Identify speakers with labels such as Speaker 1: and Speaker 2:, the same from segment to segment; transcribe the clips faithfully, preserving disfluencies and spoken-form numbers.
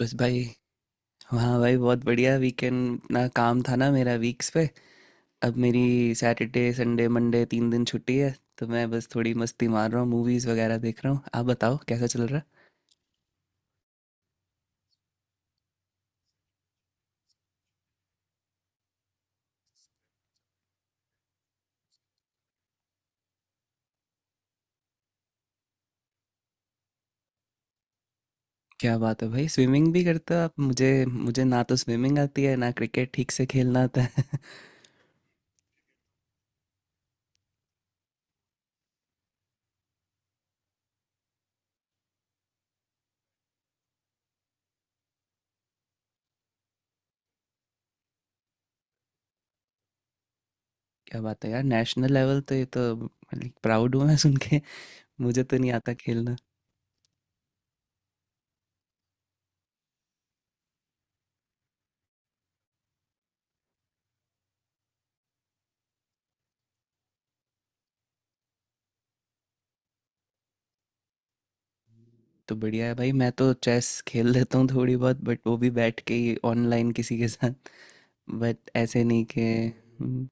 Speaker 1: बस भाई। हाँ भाई, बहुत बढ़िया वीकेंड। इतना काम था ना मेरा वीक्स पे। अब मेरी सैटरडे, संडे, मंडे तीन दिन छुट्टी है, तो मैं बस थोड़ी मस्ती मार रहा हूँ, मूवीज़ वगैरह देख रहा हूँ। आप बताओ, कैसा चल रहा है? क्या बात है भाई, स्विमिंग भी करते हो आप। मुझे मुझे ना तो स्विमिंग आती है, ना क्रिकेट ठीक से खेलना आता है क्या बात है यार, नेशनल लेवल! तो ये तो प्राउड हूँ मैं सुन के। मुझे तो नहीं आता खेलना। तो बढ़िया है भाई, मैं तो चेस खेल लेता हूँ थोड़ी बहुत, बट वो भी बैठ के ही ऑनलाइन किसी के साथ। बट ऐसे नहीं कि। हम्म।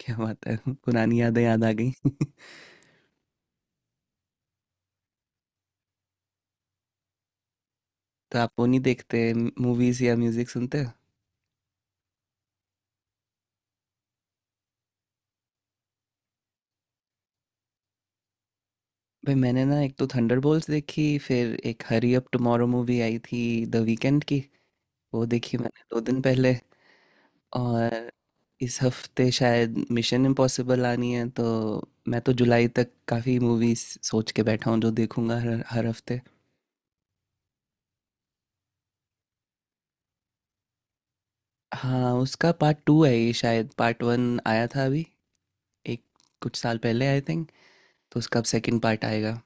Speaker 1: क्या बात है, पुरानी यादें याद आ गई तो आप वो नहीं देखते, मूवीज या म्यूजिक सुनते हो? भाई मैंने ना एक तो थंडरबोल्ट्स देखी, फिर एक हरी अप टुमारो मूवी आई थी, द वीकेंड की। वो देखी मैंने दो दिन पहले। और इस हफ्ते शायद मिशन इम्पॉसिबल आनी है, तो मैं तो जुलाई तक काफ़ी मूवीज सोच के बैठा हूँ जो देखूंगा हर हर हफ्ते। हाँ, उसका पार्ट टू है ये, शायद पार्ट वन आया था अभी एक, कुछ साल पहले, आई थिंक। तो उसका अब सेकंड पार्ट आएगा।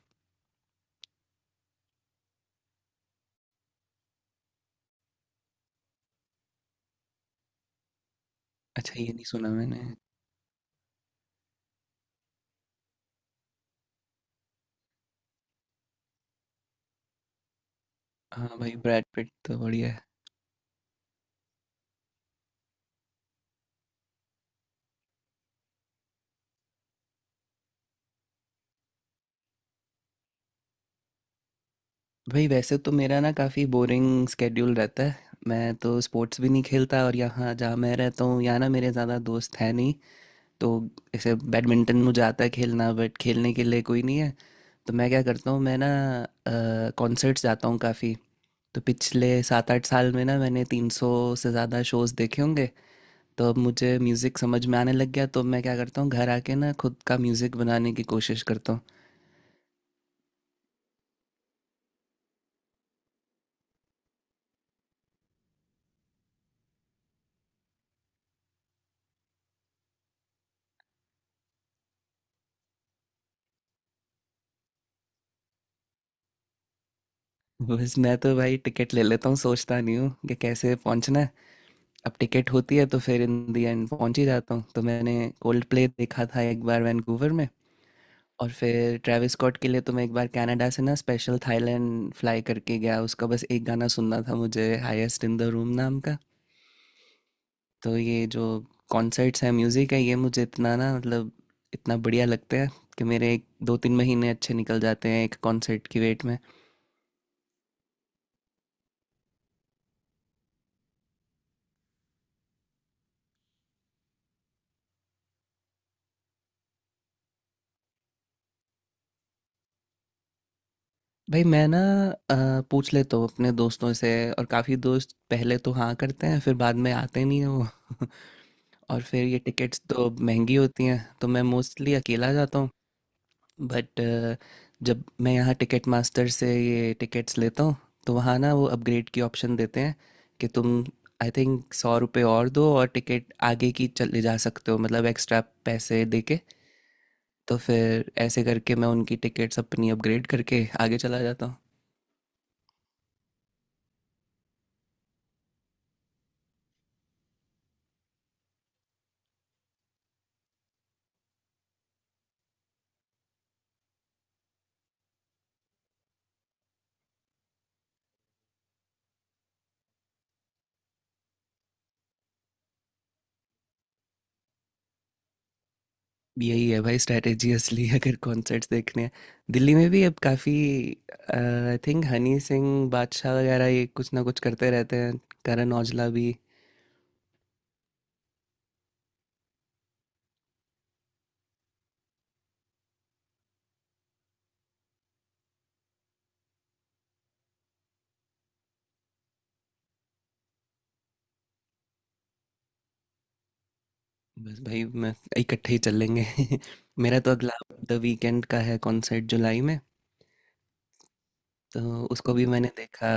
Speaker 1: अच्छा, ये नहीं सुना मैंने। हाँ भाई, ब्रैड पिट तो बढ़िया है। भाई वैसे तो मेरा ना काफ़ी बोरिंग स्केड्यूल रहता है। मैं तो स्पोर्ट्स भी नहीं खेलता, और यहाँ जहाँ मैं रहता हूँ यहाँ ना मेरे ज़्यादा दोस्त हैं नहीं। तो ऐसे बैडमिंटन मुझे आता है खेलना, बट खेलने के लिए कोई नहीं है। तो मैं क्या करता हूँ, मैं ना कॉन्सर्ट्स जाता हूँ काफ़ी। तो पिछले सात आठ साल में ना मैंने तीन सौ से ज़्यादा शोज़ देखे होंगे। तो अब मुझे म्यूज़िक समझ में आने लग गया, तो अब मैं क्या करता हूँ, घर आके ना खुद का म्यूज़िक बनाने की कोशिश करता हूँ। बस मैं तो भाई टिकट ले लेता हूँ, सोचता नहीं हूँ कि कैसे पहुँचना है। अब टिकट होती है तो फिर इन दी एंड पहुँच ही जाता हूँ। तो मैंने कोल्ड प्ले देखा था एक बार वैंकूवर में। और फिर ट्रेविस स्कॉट के लिए तो मैं एक बार कनाडा से ना स्पेशल थाईलैंड फ्लाई करके गया, उसका बस एक गाना सुनना था मुझे, हाईएस्ट इन द रूम नाम का। तो ये जो कॉन्सर्ट्स हैं, म्यूज़िक है, ये मुझे इतना ना, मतलब इतना बढ़िया लगता है कि मेरे एक दो तीन महीने अच्छे निकल जाते हैं एक कॉन्सर्ट की वेट में। भाई मैं ना, अ, पूछ लेता हूँ अपने दोस्तों से, और काफ़ी दोस्त पहले तो हाँ करते हैं, फिर बाद में आते नहीं हैं वो और फिर ये टिकट्स तो महंगी होती हैं, तो मैं मोस्टली अकेला जाता हूँ। बट जब मैं यहाँ टिकट मास्टर से ये टिकट्स लेता हूँ तो वहाँ ना वो अपग्रेड की ऑप्शन देते हैं कि तुम, आई थिंक, सौ रुपये और दो और टिकट आगे की चले जा सकते हो, मतलब एक्स्ट्रा पैसे दे के। तो फिर ऐसे करके मैं उनकी टिकट्स अपनी अपग्रेड करके आगे चला जाता हूँ। यही है भाई स्ट्रेटेजी असली, अगर कॉन्सर्ट्स देखने हैं। दिल्ली में भी अब काफ़ी, आई थिंक, हनी सिंह, बादशाह वगैरह ये कुछ ना कुछ करते रहते हैं, करण औजला भी। बस भाई मैं, इकट्ठे ही चल लेंगे मेरा तो अगला द वीकेंड का है कॉन्सर्ट, जुलाई में। तो उसको भी मैंने देखा,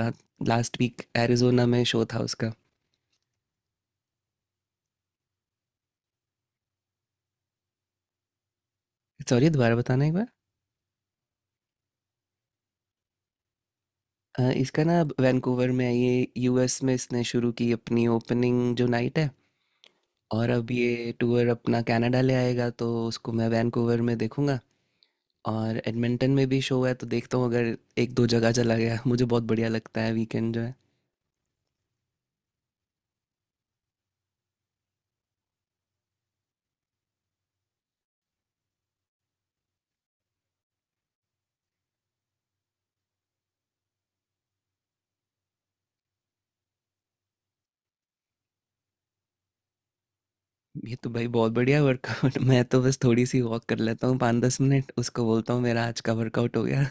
Speaker 1: लास्ट वीक एरिजोना में शो था उसका। सॉरी, दोबारा बताना एक बार। अ, इसका ना अब वैंकूवर में है, ये यूएस में इसने शुरू की अपनी ओपनिंग जो नाइट है। और अब ये टूर अपना कनाडा ले आएगा, तो उसको मैं वैंकूवर में देखूंगा। और एडमिंटन में भी शो है, तो देखता हूँ अगर एक दो जगह चला गया मुझे बहुत बढ़िया लगता है वीकेंड। ये तो भाई बहुत बढ़िया वर्कआउट, मैं तो बस थोड़ी सी वॉक कर लेता हूँ पाँच दस मिनट, उसको बोलता हूँ मेरा आज का वर्कआउट हो गया।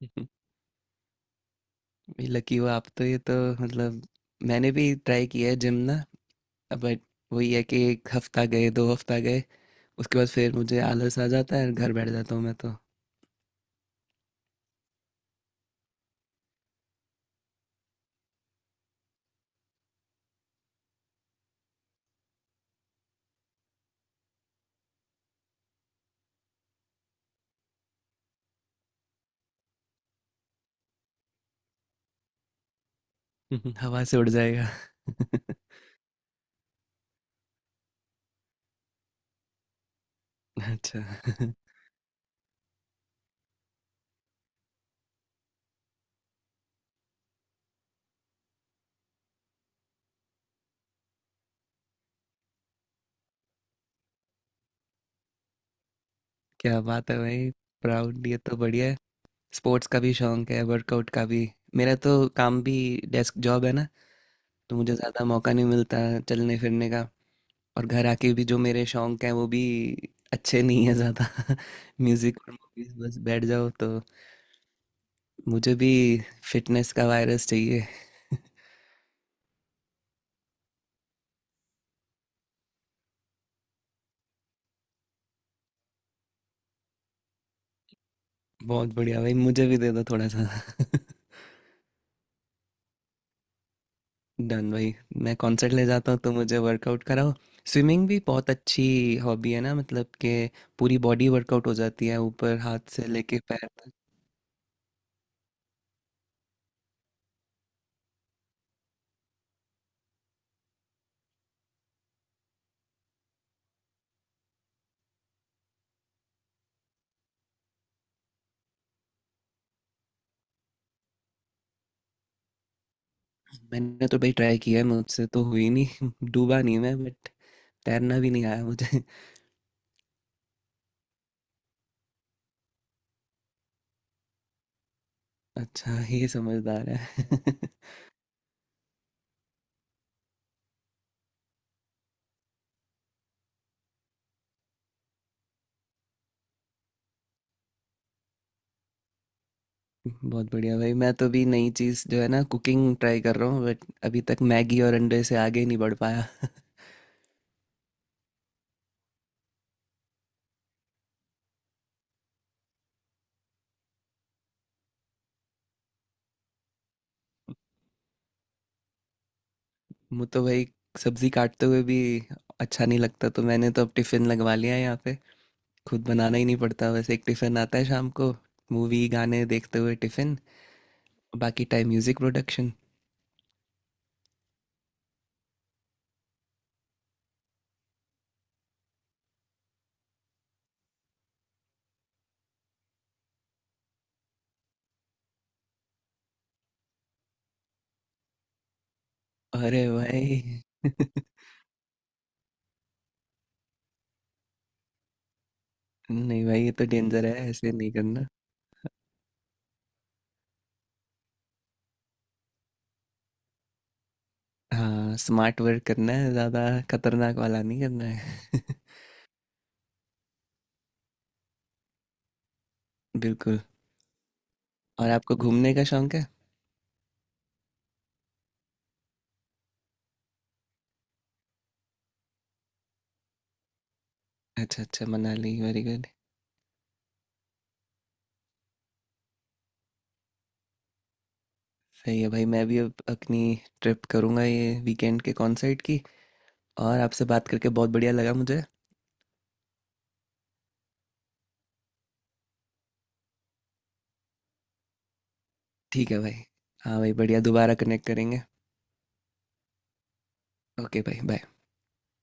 Speaker 1: ये लकी हो आप तो, ये तो मतलब मैंने भी ट्राई किया है जिम ना, बट वही है कि एक हफ्ता गए, दो हफ्ता गए, उसके बाद फिर मुझे आलस आ जाता है, घर बैठ जाता हूँ मैं तो। हवा से उड़ जाएगा अच्छा क्या बात है भाई, प्राउड, ये तो बढ़िया है, स्पोर्ट्स का भी शौक है वर्कआउट का भी। मेरा तो काम भी डेस्क जॉब है ना, तो मुझे ज़्यादा मौका नहीं मिलता चलने फिरने का। और घर आके भी जो मेरे शौक हैं वो भी अच्छे नहीं है ज़्यादा म्यूज़िक और मूवीज, बस बैठ जाओ। तो मुझे भी फिटनेस का वायरस चाहिए। बहुत बढ़िया भाई, मुझे भी दे दो थोड़ा सा डन भाई, मैं कॉन्सर्ट ले जाता हूँ तो मुझे वर्कआउट कराओ। स्विमिंग भी बहुत अच्छी हॉबी है ना, मतलब कि पूरी बॉडी वर्कआउट हो जाती है, ऊपर हाथ से लेके पैर तक। मैंने तो भाई ट्राई किया है, मुझसे तो हुई नहीं डूबा नहीं मैं, बट तैरना भी नहीं आया मुझे। अच्छा, ये समझदार है बहुत बढ़िया भाई, मैं तो भी नई चीज़ जो है ना, कुकिंग ट्राई कर रहा हूँ, बट अभी तक मैगी और अंडे से आगे नहीं बढ़ पाया मुझे तो भाई सब्जी काटते हुए भी अच्छा नहीं लगता, तो मैंने तो अब टिफ़िन लगवा लिया है यहाँ पे, खुद बनाना ही नहीं पड़ता। वैसे एक टिफ़िन आता है शाम को, मूवी गाने देखते हुए टिफ़िन, बाकी टाइम म्यूज़िक प्रोडक्शन। अरे भाई नहीं भाई, ये तो डेंजर है, ऐसे नहीं करना। हाँ, स्मार्ट वर्क करना है ज़्यादा, खतरनाक वाला नहीं करना है बिल्कुल। और आपको घूमने का शौक है? अच्छा, अच्छा, मनाली, वेरी गुड। सही है भाई, मैं भी अब अपनी ट्रिप करूँगा, ये वीकेंड के कॉन्सर्ट की। और आपसे बात करके बहुत बढ़िया लगा मुझे। ठीक है भाई। हाँ भाई, बढ़िया, दोबारा कनेक्ट करेंगे। ओके भाई, बाय।